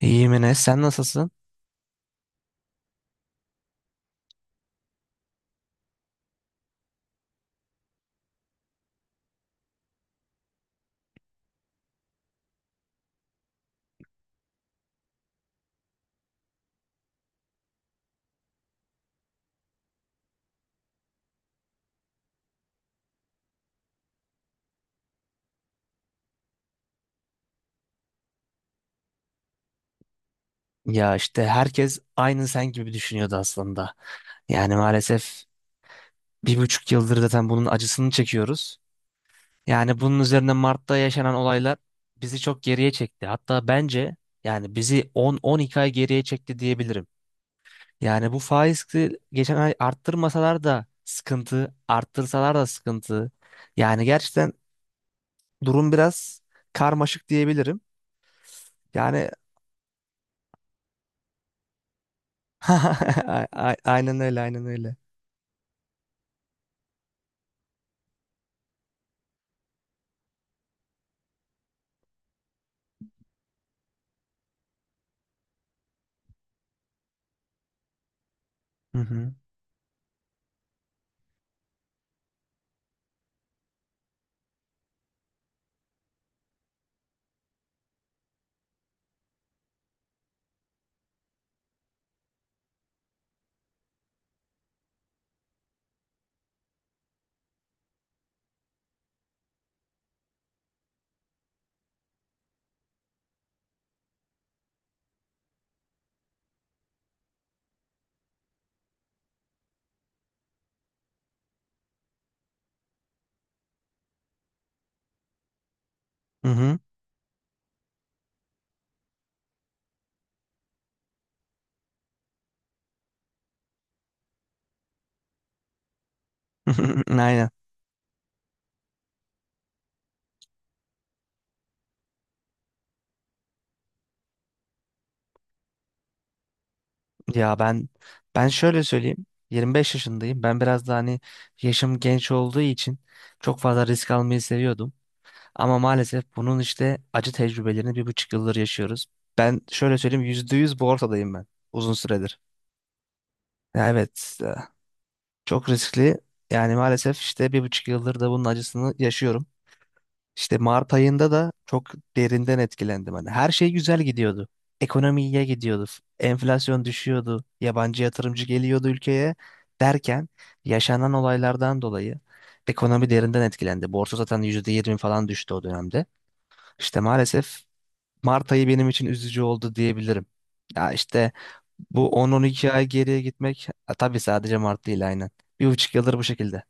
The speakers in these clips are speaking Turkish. İyiyim Enes, sen nasılsın? Ya işte herkes aynı sen gibi düşünüyordu aslında. Yani maalesef 1,5 yıldır zaten bunun acısını çekiyoruz. Yani bunun üzerine Mart'ta yaşanan olaylar bizi çok geriye çekti. Hatta bence yani bizi 10-12 ay geriye çekti diyebilirim. Yani bu faizi geçen ay arttırmasalar da sıkıntı, arttırsalar da sıkıntı. Yani gerçekten durum biraz karmaşık diyebilirim. Yani aynen öyle, aynen öyle. Hı hı. Hı hı. Aynen. Ya ben şöyle söyleyeyim. 25 yaşındayım. Ben biraz da hani yaşım genç olduğu için çok fazla risk almayı seviyordum. Ama maalesef bunun işte acı tecrübelerini bir buçuk yıldır yaşıyoruz. Ben şöyle söyleyeyim %100 borsadayım ben uzun süredir. Ya evet e, çok riskli. Yani maalesef işte bir buçuk yıldır da bunun acısını yaşıyorum. İşte Mart ayında da çok derinden etkilendim. Hani her şey güzel gidiyordu. Ekonomi iyiye gidiyordu. Enflasyon düşüyordu. Yabancı yatırımcı geliyordu ülkeye derken yaşanan olaylardan dolayı ekonomi derinden etkilendi. Borsa zaten %20 falan düştü o dönemde. İşte maalesef Mart ayı benim için üzücü oldu diyebilirim. Ya işte bu 10-12 ay geriye gitmek ha, tabii sadece Mart değil aynen. Bir buçuk yıldır bu şekilde.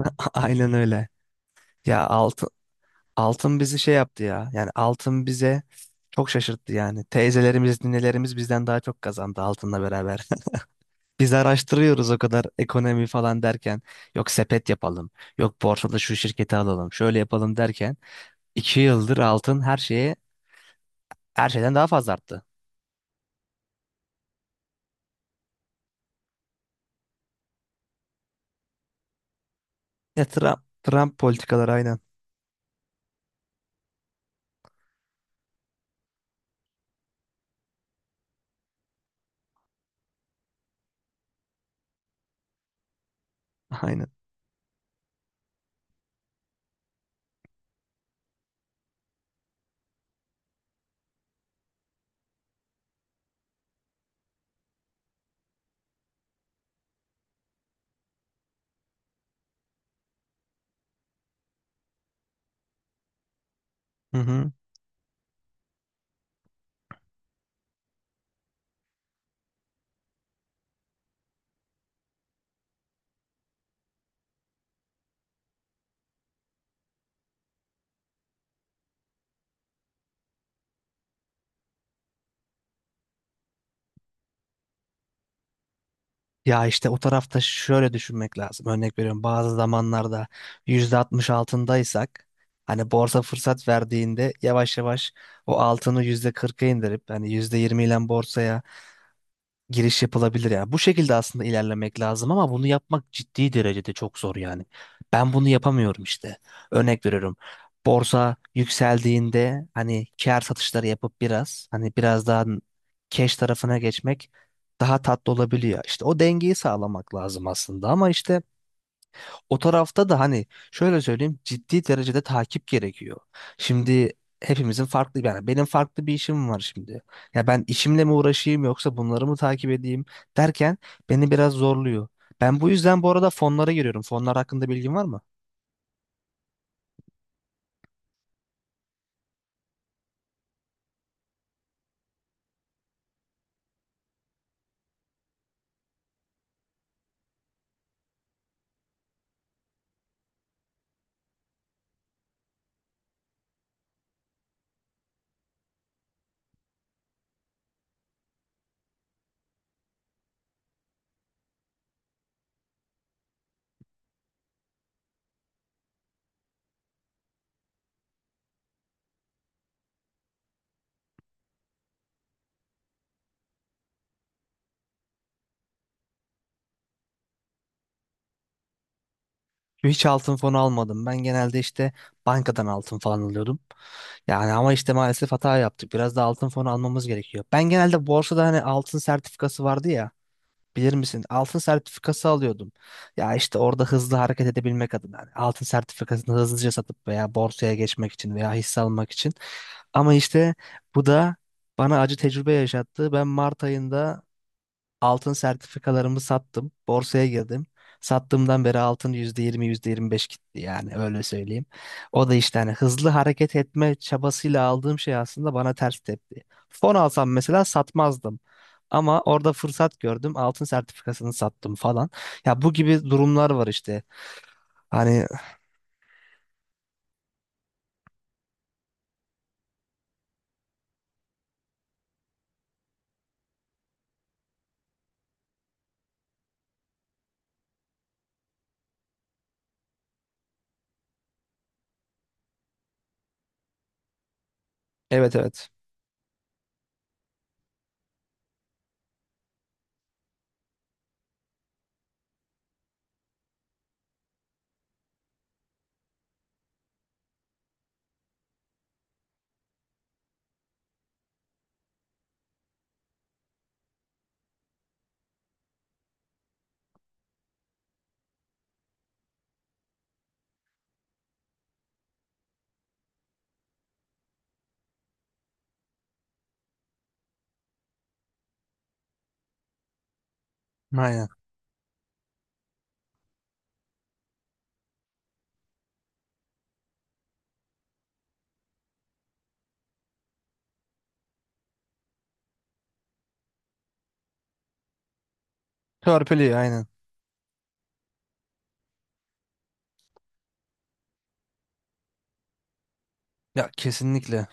Aynen öyle. Ya altın bizi şey yaptı ya. Yani altın bize çok şaşırttı yani. Teyzelerimiz, ninelerimiz bizden daha çok kazandı altınla beraber. Biz araştırıyoruz o kadar ekonomi falan derken. Yok sepet yapalım. Yok borsada şu şirketi alalım. Şöyle yapalım derken. 2 yıldır altın her şeye her şeyden daha fazla arttı. Ya Trump, Trump politikaları aynen. Aynen. Hı hı. Ya işte o tarafta şöyle düşünmek lazım. Örnek veriyorum bazı zamanlarda %60 altındaysak hani borsa fırsat verdiğinde yavaş yavaş o altını %40'a indirip hani %20 ile borsaya giriş yapılabilir yani. Bu şekilde aslında ilerlemek lazım ama bunu yapmak ciddi derecede çok zor yani. Ben bunu yapamıyorum işte. Örnek veriyorum. Borsa yükseldiğinde hani kâr satışları yapıp biraz hani biraz daha cash tarafına geçmek daha tatlı olabiliyor. İşte o dengeyi sağlamak lazım aslında ama işte o tarafta da hani şöyle söyleyeyim ciddi derecede takip gerekiyor. Şimdi hepimizin farklı yani benim farklı bir işim var şimdi. Ya ben işimle mi uğraşayım yoksa bunları mı takip edeyim derken beni biraz zorluyor. Ben bu yüzden bu arada fonlara giriyorum. Fonlar hakkında bilgin var mı? Hiç altın fonu almadım. Ben genelde işte bankadan altın falan alıyordum. Yani ama işte maalesef hata yaptık. Biraz da altın fonu almamız gerekiyor. Ben genelde borsada hani altın sertifikası vardı ya. Bilir misin? Altın sertifikası alıyordum. Ya işte orada hızlı hareket edebilmek adına hani altın sertifikasını hızlıca satıp veya borsaya geçmek için veya hisse almak için. Ama işte bu da bana acı tecrübe yaşattı. Ben Mart ayında altın sertifikalarımı sattım. Borsaya girdim. Sattığımdan beri altın %20, %25 gitti yani öyle söyleyeyim. O da işte hani hızlı hareket etme çabasıyla aldığım şey aslında bana ters tepti. Fon alsam mesela satmazdım. Ama orada fırsat gördüm. Altın sertifikasını sattım falan. Ya bu gibi durumlar var işte. Hani evet evet. Aynen. Törpülüyor aynen. Ya kesinlikle.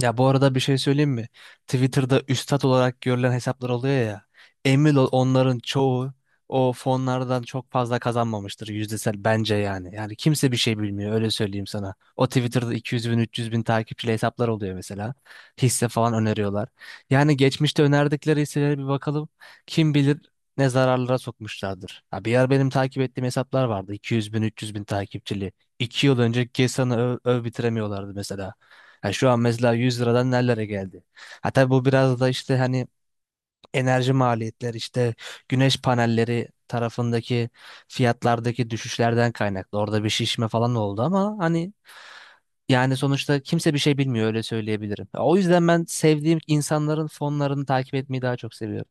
Ya bu arada bir şey söyleyeyim mi? Twitter'da üstat olarak görülen hesaplar oluyor ya. Emin ol onların çoğu o fonlardan çok fazla kazanmamıştır yüzdesel bence yani. Yani kimse bir şey bilmiyor öyle söyleyeyim sana. O Twitter'da 200 bin 300 bin takipçili hesaplar oluyor mesela. Hisse falan öneriyorlar. Yani geçmişte önerdikleri hisselere bir bakalım. Kim bilir ne zararlara sokmuşlardır. Ha, bir yer benim takip ettiğim hesaplar vardı. 200 bin 300 bin takipçili. 2 yıl önce Gesan'ı öv bitiremiyorlardı mesela. Ha şu an mesela 100 liradan nerelere geldi? Ha tabii bu biraz da işte hani enerji maliyetleri işte güneş panelleri tarafındaki fiyatlardaki düşüşlerden kaynaklı. Orada bir şişme falan oldu ama hani yani sonuçta kimse bir şey bilmiyor öyle söyleyebilirim. Ya, o yüzden ben sevdiğim insanların fonlarını takip etmeyi daha çok seviyorum.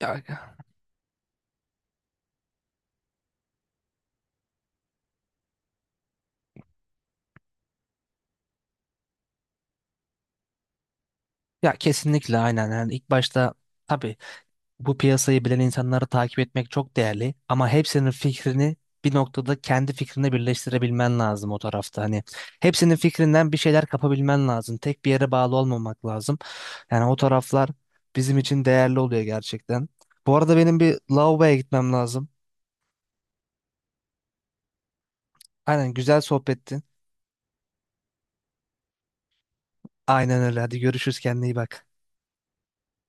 Ya, ya, kesinlikle aynen. Yani ilk başta tabii bu piyasayı bilen insanları takip etmek çok değerli ama hepsinin fikrini bir noktada kendi fikrine birleştirebilmen lazım o tarafta. Hani hepsinin fikrinden bir şeyler kapabilmen lazım. Tek bir yere bağlı olmamak lazım. Yani o taraflar bizim için değerli oluyor gerçekten. Bu arada benim bir lavaboya gitmem lazım. Aynen güzel sohbetti. Aynen öyle. Hadi görüşürüz, kendine iyi bak.